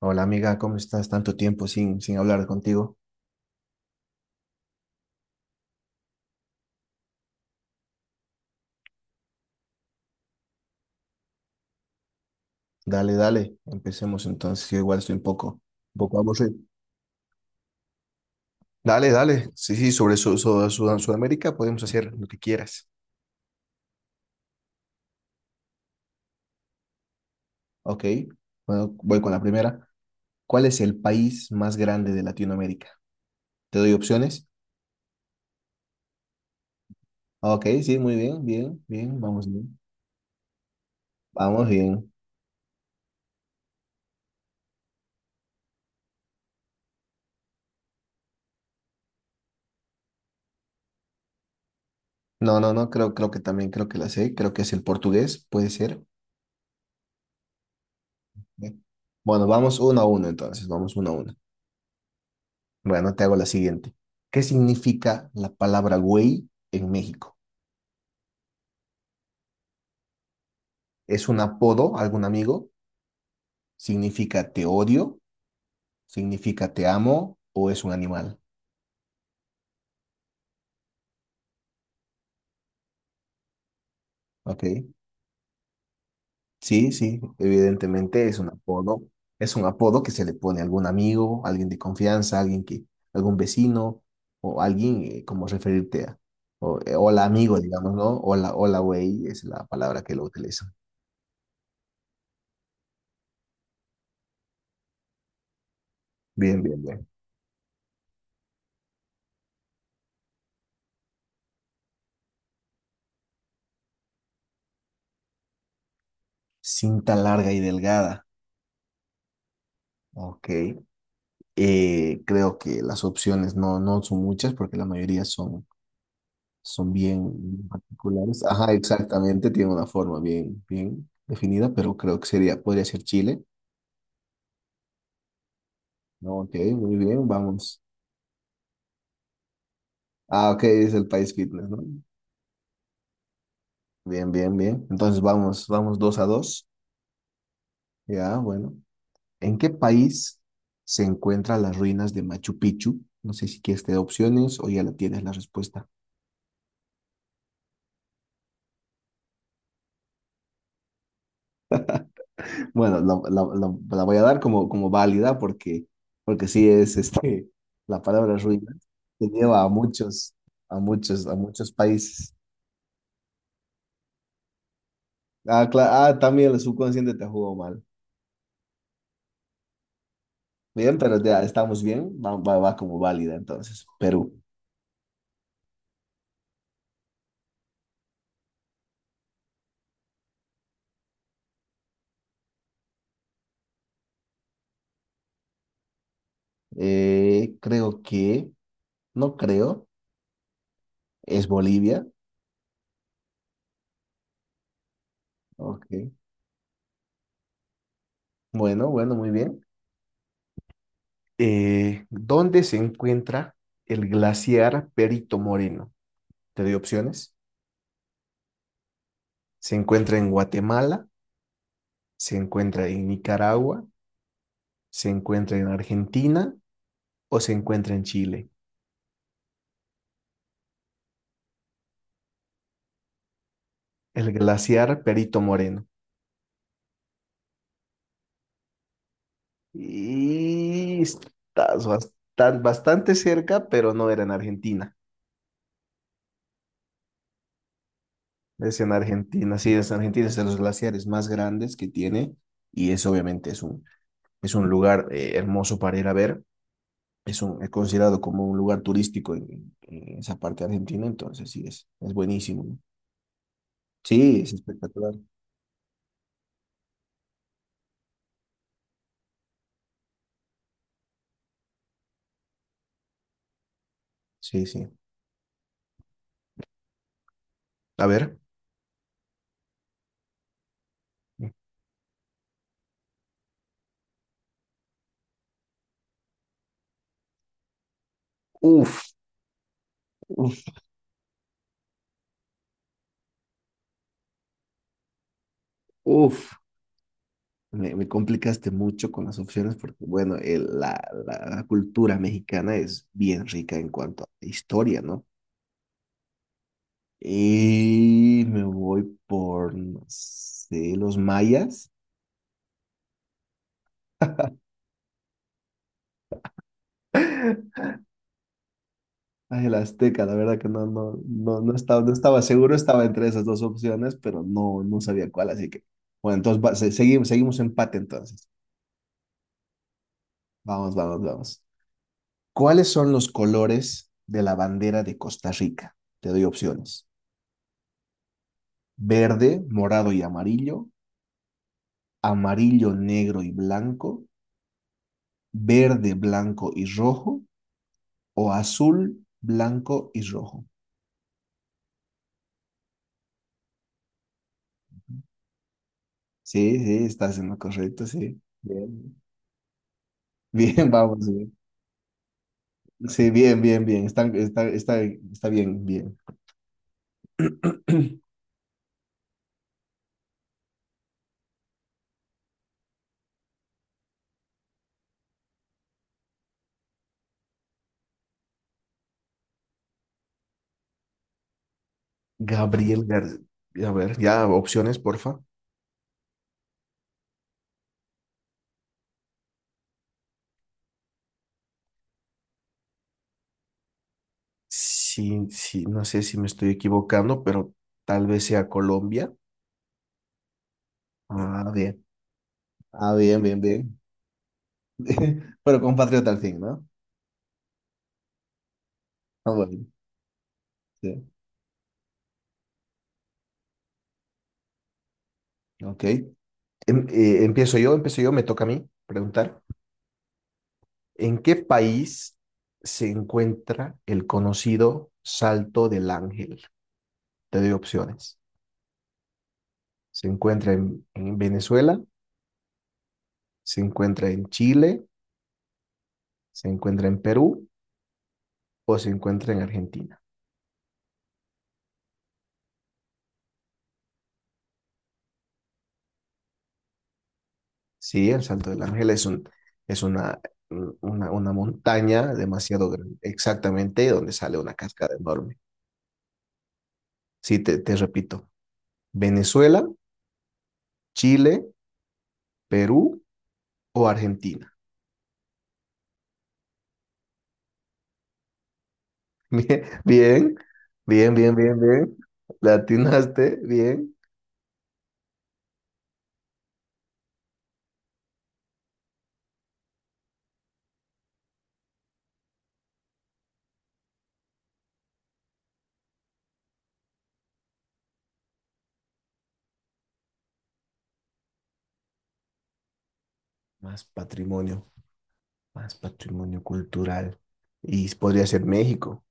Hola amiga, ¿cómo estás? Tanto tiempo sin hablar contigo. Dale, dale, empecemos entonces. Yo igual estoy un poco aburrido. Dale, dale. Sí, sí, sobre Sudamérica podemos hacer lo que quieras. Ok, bueno, voy con la primera. ¿Cuál es el país más grande de Latinoamérica? ¿Te doy opciones? Ok, sí, muy bien, bien, vamos bien. Vamos bien. No, no, no, creo que también, creo que la sé. Creo que es el portugués, puede ser. Bien. Bueno, vamos uno a uno entonces, vamos uno a uno. Bueno, te hago la siguiente. ¿Qué significa la palabra güey en México? ¿Es un apodo, a algún amigo? ¿Significa te odio? ¿Significa te amo? ¿O es un animal? Ok. Sí, sí, evidentemente es un apodo. Es un apodo que se le pone a algún amigo, alguien de confianza, algún vecino o alguien como referirte a. O, hola amigo, digamos, ¿no? Hola, hola güey es la palabra que lo utilizan. Bien, bien, bien. Cinta larga y delgada. Ok. Creo que las opciones no son muchas porque la mayoría son, son bien particulares. Ajá, exactamente, tiene una forma bien definida, pero creo que sería, podría ser Chile. No, ok, muy bien, vamos. Ah, ok, es el país fitness, ¿no? Bien, bien, bien. Entonces vamos, vamos dos a dos. Ya, bueno. ¿En qué país se encuentran las ruinas de Machu Picchu? No sé si quieres te doy opciones o ya la tienes la respuesta. Bueno, la voy a dar como, como válida porque, porque sí es este, la palabra ruina que lleva a muchos, a muchos, a muchos países. Ah, también el subconsciente te jugó mal. Bien, pero ya estamos bien, va, va, va como válida entonces. Perú. Creo que, no creo, es Bolivia. Ok. Bueno, bueno, muy bien. ¿Dónde se encuentra el glaciar Perito Moreno? Te doy opciones. ¿Se encuentra en Guatemala? ¿Se encuentra en Nicaragua? ¿Se encuentra en Argentina? ¿O se encuentra en Chile? El glaciar Perito Moreno. Y estás bastante, bastante cerca, pero no era en Argentina. Es en Argentina, sí, es en Argentina, es de los glaciares más grandes que tiene y es obviamente es un lugar hermoso para ir a ver. Es considerado como un lugar turístico en esa parte de Argentina, entonces sí, es buenísimo, ¿no? Sí, es espectacular. Sí, sí. A ver. Uf. Uf, uf, me complicaste mucho con las opciones porque, bueno, la cultura mexicana es bien rica en cuanto a historia, ¿no? Y me voy por, no sé, los mayas. Ay, el azteca, la verdad que no, no, no, no estaba seguro, estaba entre esas dos opciones, pero no, no sabía cuál, así que, bueno, entonces seguimos, seguimos empate entonces. Vamos, vamos, vamos. ¿Cuáles son los colores de la bandera de Costa Rica? Te doy opciones. Verde, morado y amarillo, amarillo, negro y blanco, verde, blanco y rojo, o azul, blanco y rojo. Sí, sí, estás en lo correcto, sí. Bien, bien, vamos bien. Sí, bien, bien, bien. Está bien, bien. Gabriel García. A ver, ya opciones, porfa. Sí, sí, no sé si me estoy equivocando, pero tal vez sea Colombia. Ah, bien. Ah, bien, bien, bien. Pero compatriota al fin, ¿no? Ah, bueno. Sí. Ok. Empiezo yo, empiezo yo, me toca a mí preguntar. ¿En qué país se encuentra el conocido Salto del Ángel? Te doy opciones. ¿Se encuentra en Venezuela? ¿Se encuentra en Chile? ¿Se encuentra en Perú? ¿O se encuentra en Argentina? Sí, el Salto del Ángel es una montaña demasiado grande, exactamente donde sale una cascada enorme. Sí, te repito. Venezuela, Chile, Perú o Argentina. Bien, bien, bien, Le atinaste, bien. Más patrimonio, más patrimonio cultural. Y podría ser México.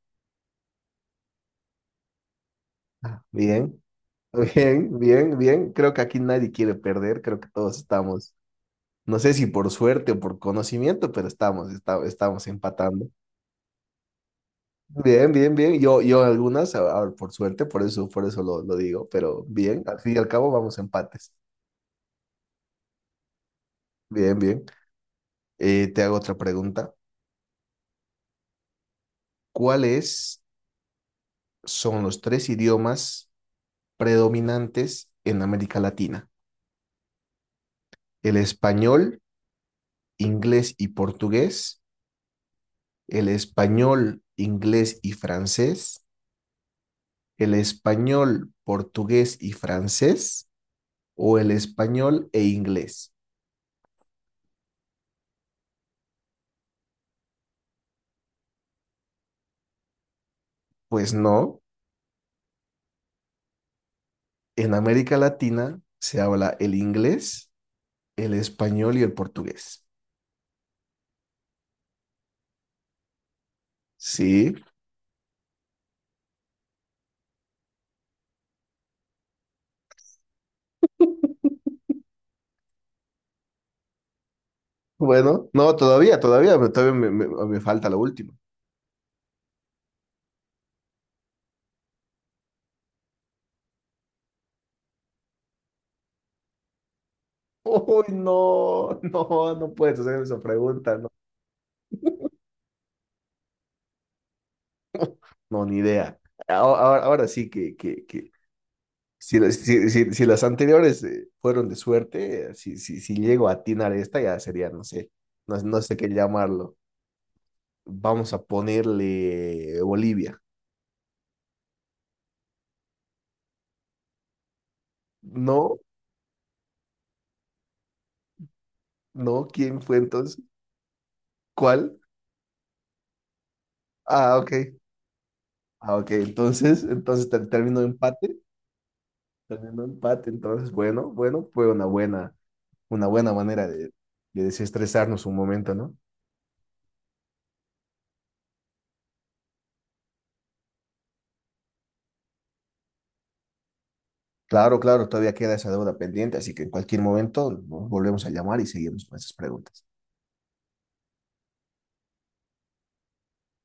Ah, bien, bien, bien, bien. Creo que aquí nadie quiere perder. Creo que todos estamos, no sé si por suerte o por conocimiento, pero estamos empatando. Bien, bien, bien. Yo algunas, por suerte, por eso lo digo, pero bien, al fin y al cabo vamos a empates. Bien, bien. Te hago otra pregunta. ¿Cuáles son los tres idiomas predominantes en América Latina? El español, inglés y portugués, el español, inglés y francés, el español, portugués y francés o el español e inglés. Pues no, en América Latina se habla el inglés, el español y el portugués. Sí, bueno, no, todavía me falta la última. Uy, no, no, no puedes hacer esa pregunta, no, no, ni idea. Ahora sí que si, si las anteriores fueron de suerte, si, si llego a atinar esta, ya sería, no sé, no, no sé qué llamarlo. Vamos a ponerle Bolivia. No, no, ¿quién fue entonces? ¿Cuál? Ah, ok. Ah, ok, entonces, entonces terminó empate, entonces, bueno, bueno, fue una buena. Una buena manera de desestresarnos un momento, ¿no? Claro, claro, todavía queda esa deuda pendiente, así que en cualquier momento nos volvemos a llamar y seguimos con esas preguntas.